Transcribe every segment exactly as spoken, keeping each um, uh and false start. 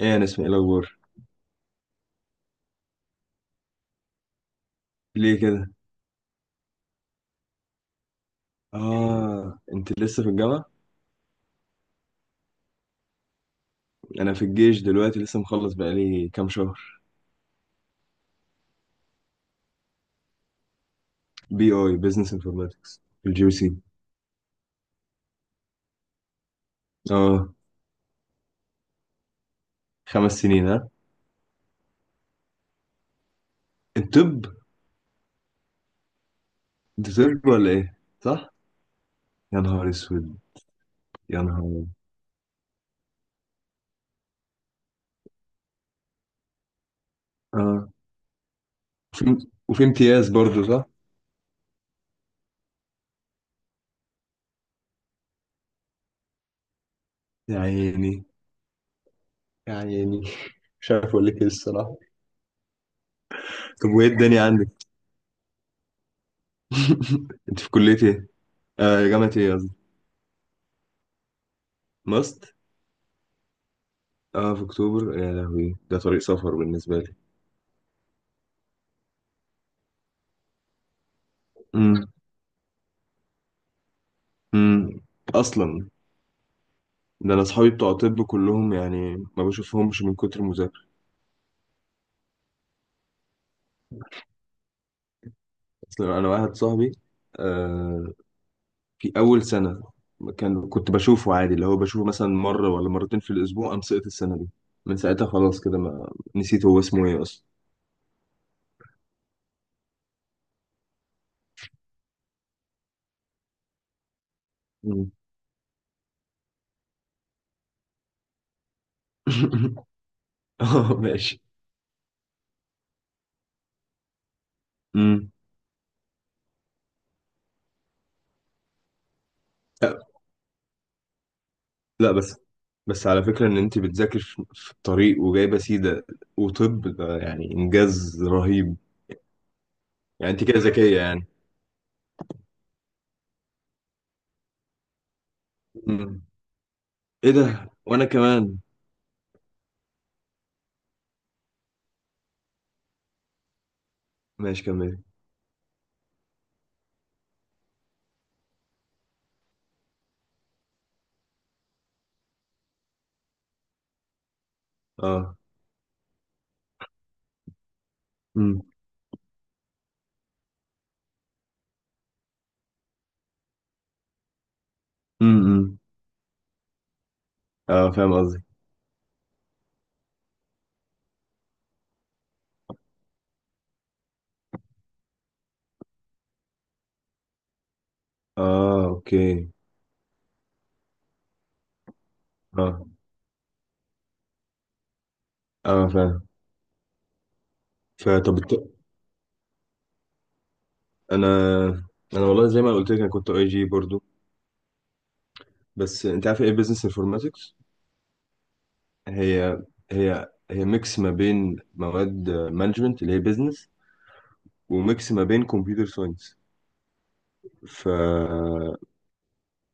ايه، انا اسمي، ايه الاخبار؟ ليه كده؟ اه، انت لسه في الجامعه؟ انا في الجيش دلوقتي، لسه مخلص بقالي كام شهر. بي اي بزنس انفورماتكس في الجي سي. اه. خمس سنين ها؟ الطب؟ انت طب ولا ايه؟ صح. يا نهار اسود. يا نهار اه. وفي وفي امتياز برضه صح؟ يا عيني، يا عيني. مش عارف اقول لك ايه الصراحه. طب وايه الدنيا عندك؟ انت في كليه ايه؟ آه، جامعه ايه قصدي. ماست. اه في اكتوبر. يا لهوي، ده طريق سفر بالنسبه لي. امم. امم. اصلا، ده انا اصحابي بتوع طب كلهم يعني ما بشوفهمش من كتر المذاكره. اصلا انا واحد صاحبي، آه، في اول سنه كان كنت بشوفه عادي، اللي هو بشوفه مثلا مره ولا مرتين في الاسبوع، قام سقط السنه دي. من ساعتها خلاص كده، ما نسيت هو اسمه ايه اصلا. مم. اه ماشي. امم. لا لا. بس، بس على فكره ان انت بتذاكر في في الطريق وجايبه سيده، وطب ده يعني انجاز رهيب. يعني انت كده ذكيه يعني؟ مم. ايه ده، وانا كمان. ماشي كمل. اه. امم. امم. اه فاهم قصدي. اه اوكي. اه اه فاهم. فطب الت- انا، انا والله زي ما قلت لك انا كنت اي جي برضو. بس انت عارف ايه بزنس انفورماتكس؟ هي، هي هي ميكس ما بين مواد مانجمنت اللي هي بزنس، وميكس ما بين كمبيوتر ساينس. ف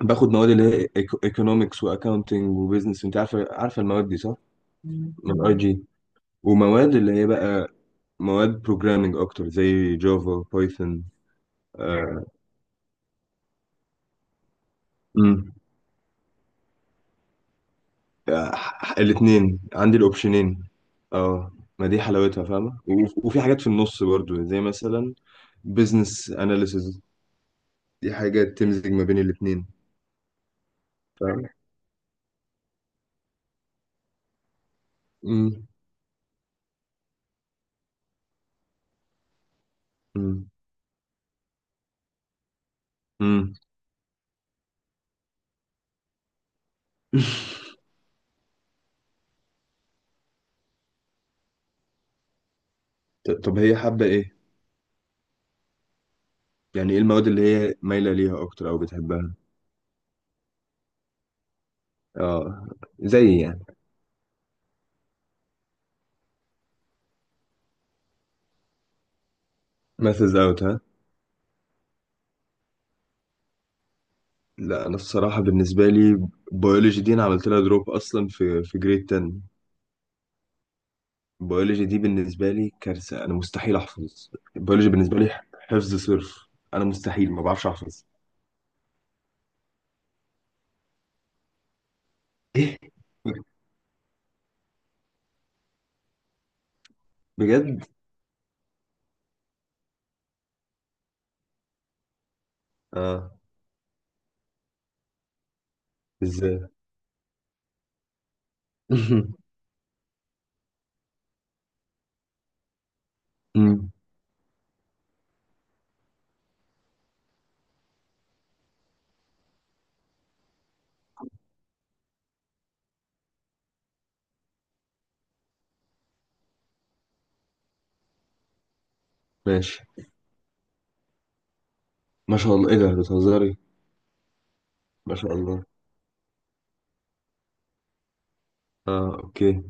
باخد مواد اللي هي ايكونومكس واكاونتنج وبزنس. انت عارفه عارفه المواد دي صح؟ من اي جي. ومواد اللي هي بقى مواد بروجرامنج اكتر، زي جافا بايثون. آه. امم. الاثنين عندي الاوبشنين. اه، ما دي حلاوتها فاهمة، و- وفي حاجات في النص برضو، زي مثلا بزنس اناليسز. دي حاجة تمزج ما بين الاثنين. فاهمة. امم. امم. امم. ط- طب هي حابة ايه؟ يعني ايه المواد اللي هي مايلة ليها اكتر او بتحبها؟ اه، زي يعني. ماثز اوت ها؟ لا انا الصراحة بالنسبة لي بيولوجي دي انا عملت لها دروب اصلا في في جريد عشرة. البيولوجي دي بالنسبة لي كارثة، أنا مستحيل أحفظ. البيولوجي بالنسبة لي حفظ صرف. أنا مستحيل، ما بعرفش أحفظ. ايه بجد؟ آه. إزاي؟ مم. ماشي. ما شاء الله، إيه ده بتهزري؟ ما شاء الله. آه أوكي.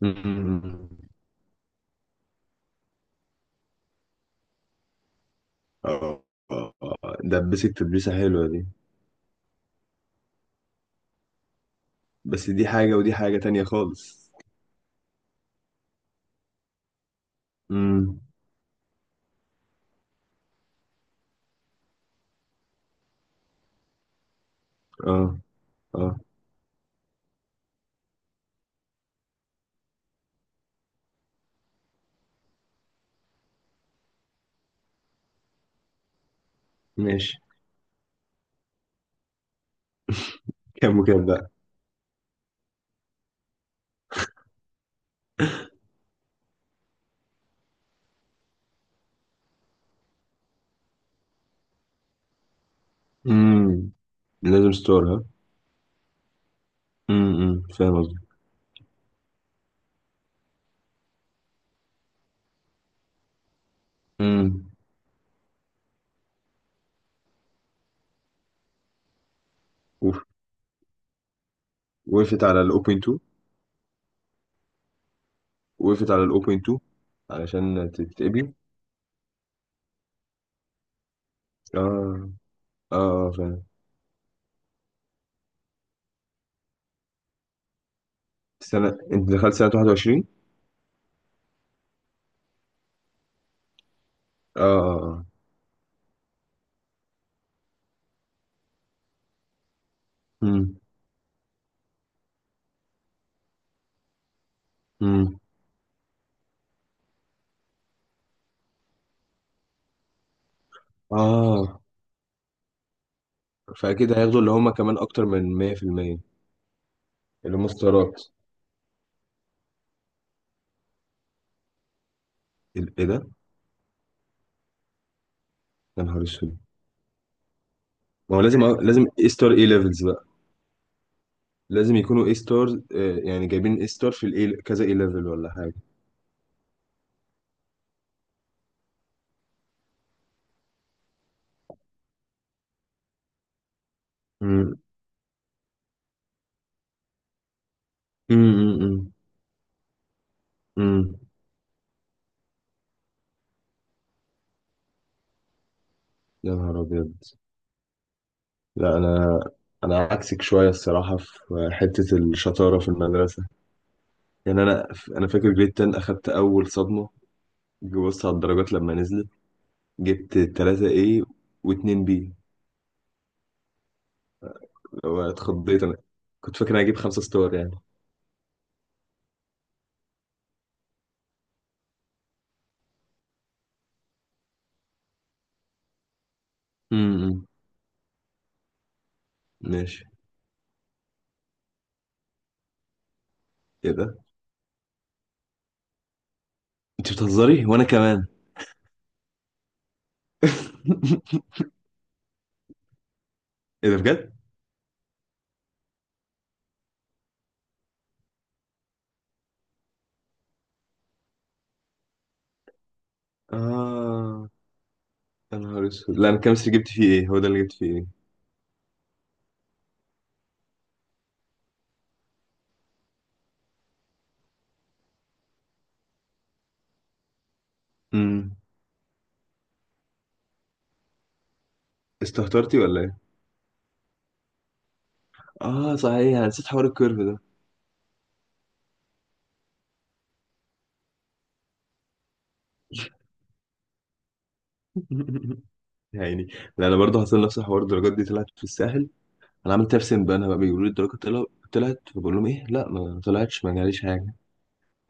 مم. آه. آه، آه. دبست تدبيسة حلوة دي. بس دي حاجة ودي حاجة تانية خالص. مم. آه. آه ماشي. كام وكام بقى؟ مم. لازم ستور ها؟ مم. مم. فاهم قصدي؟ مم. وقفت على الاوبن اتنين. وقفت على الاوبن اتنين. علشان تتقبل. اه. اه. آه، فعلا. السنة انت دخلت سنة واحد وعشرين؟ اه اه اه. مم. مم. اه، فاكيد هياخدوا اللي هم كمان اكتر من مئة في المئة. اللي هم ستارات. ال- ايه ده. يا نهار اسود. ما هو لازم لازم اي ستار اي ليفلز بقى. لازم يكونوا اي ستار. يعني جايبين اي ستار في الاي كذا اي ليفل ولا حاجة؟ امم. امم. امم. أمم. يا نهار ابيض. لا انا، انا عكسك شويه الصراحه في حته الشطاره في المدرسه. يعني انا، انا فاكر جريد عشرة اخدت اول صدمه. جي بص على الدرجات لما نزلت، جبت ثلاثة A و2 B. واتخضيت انا، كنت فاكر انا هجيب خمسة ستار يعني. امم. ماشي. ايه ده، انت بتهزري وانا كمان. ايه ده بجد. اه. يا نهار اسود، لا انا الكيمستري جبت فيه ايه؟ هو ده اللي جبت فيه ايه. امم. استهترتي ولا ايه؟ اه صحيح انا نسيت حوار الكيرف. يعني، لا انا برضه حصل نفس الحوار. الدرجات دي طلعت في الساحل. انا عملت نفسي، بقى بقى بيقولوا لي الدرجات طلع- طلعت، فبقول لهم ايه لا ما طلعتش، ما جاليش حاجه.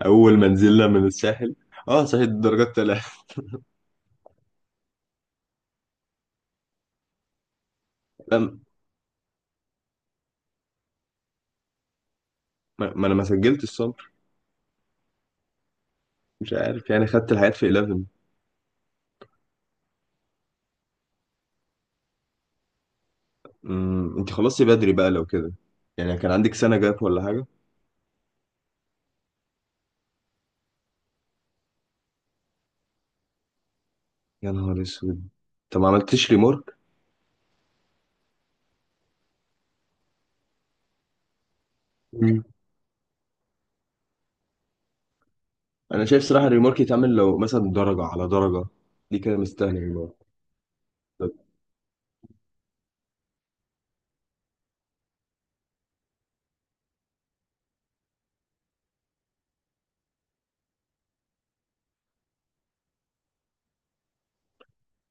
اول ما نزلنا من الساحل، اه صحيح الدرجات طلعت. لا ما ما انا ما سجلت الصبر. مش عارف، يعني خدت الحاجات في حداشر. امم. انت خلصتي بدري بقى لو كده. يعني كان عندك سنه جاب ولا حاجه؟ يا نهار اسود. طب ما عملتش ريمورك؟ مم. انا شايف صراحه الريمورك يتعمل لو مثلا درجه على درجه. دي كده مستاهله ريمورك. طب.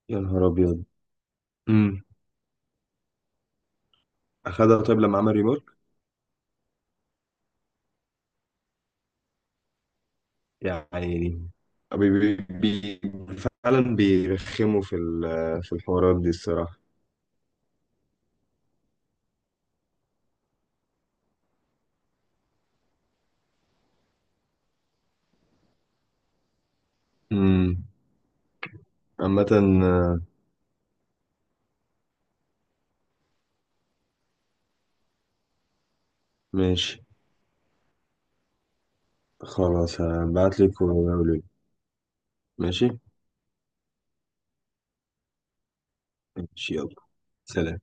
يا نهار ابيض. اخدها طيب لما عمل ريمارك؟ يعني. بي بي بي، فعلا بيرخموا في ال- في الحوارات دي الصراحة. امم. عامة. آه، ماشي. خلاص هبعتلك ولي. ماشي. ماشي يلا. سلام.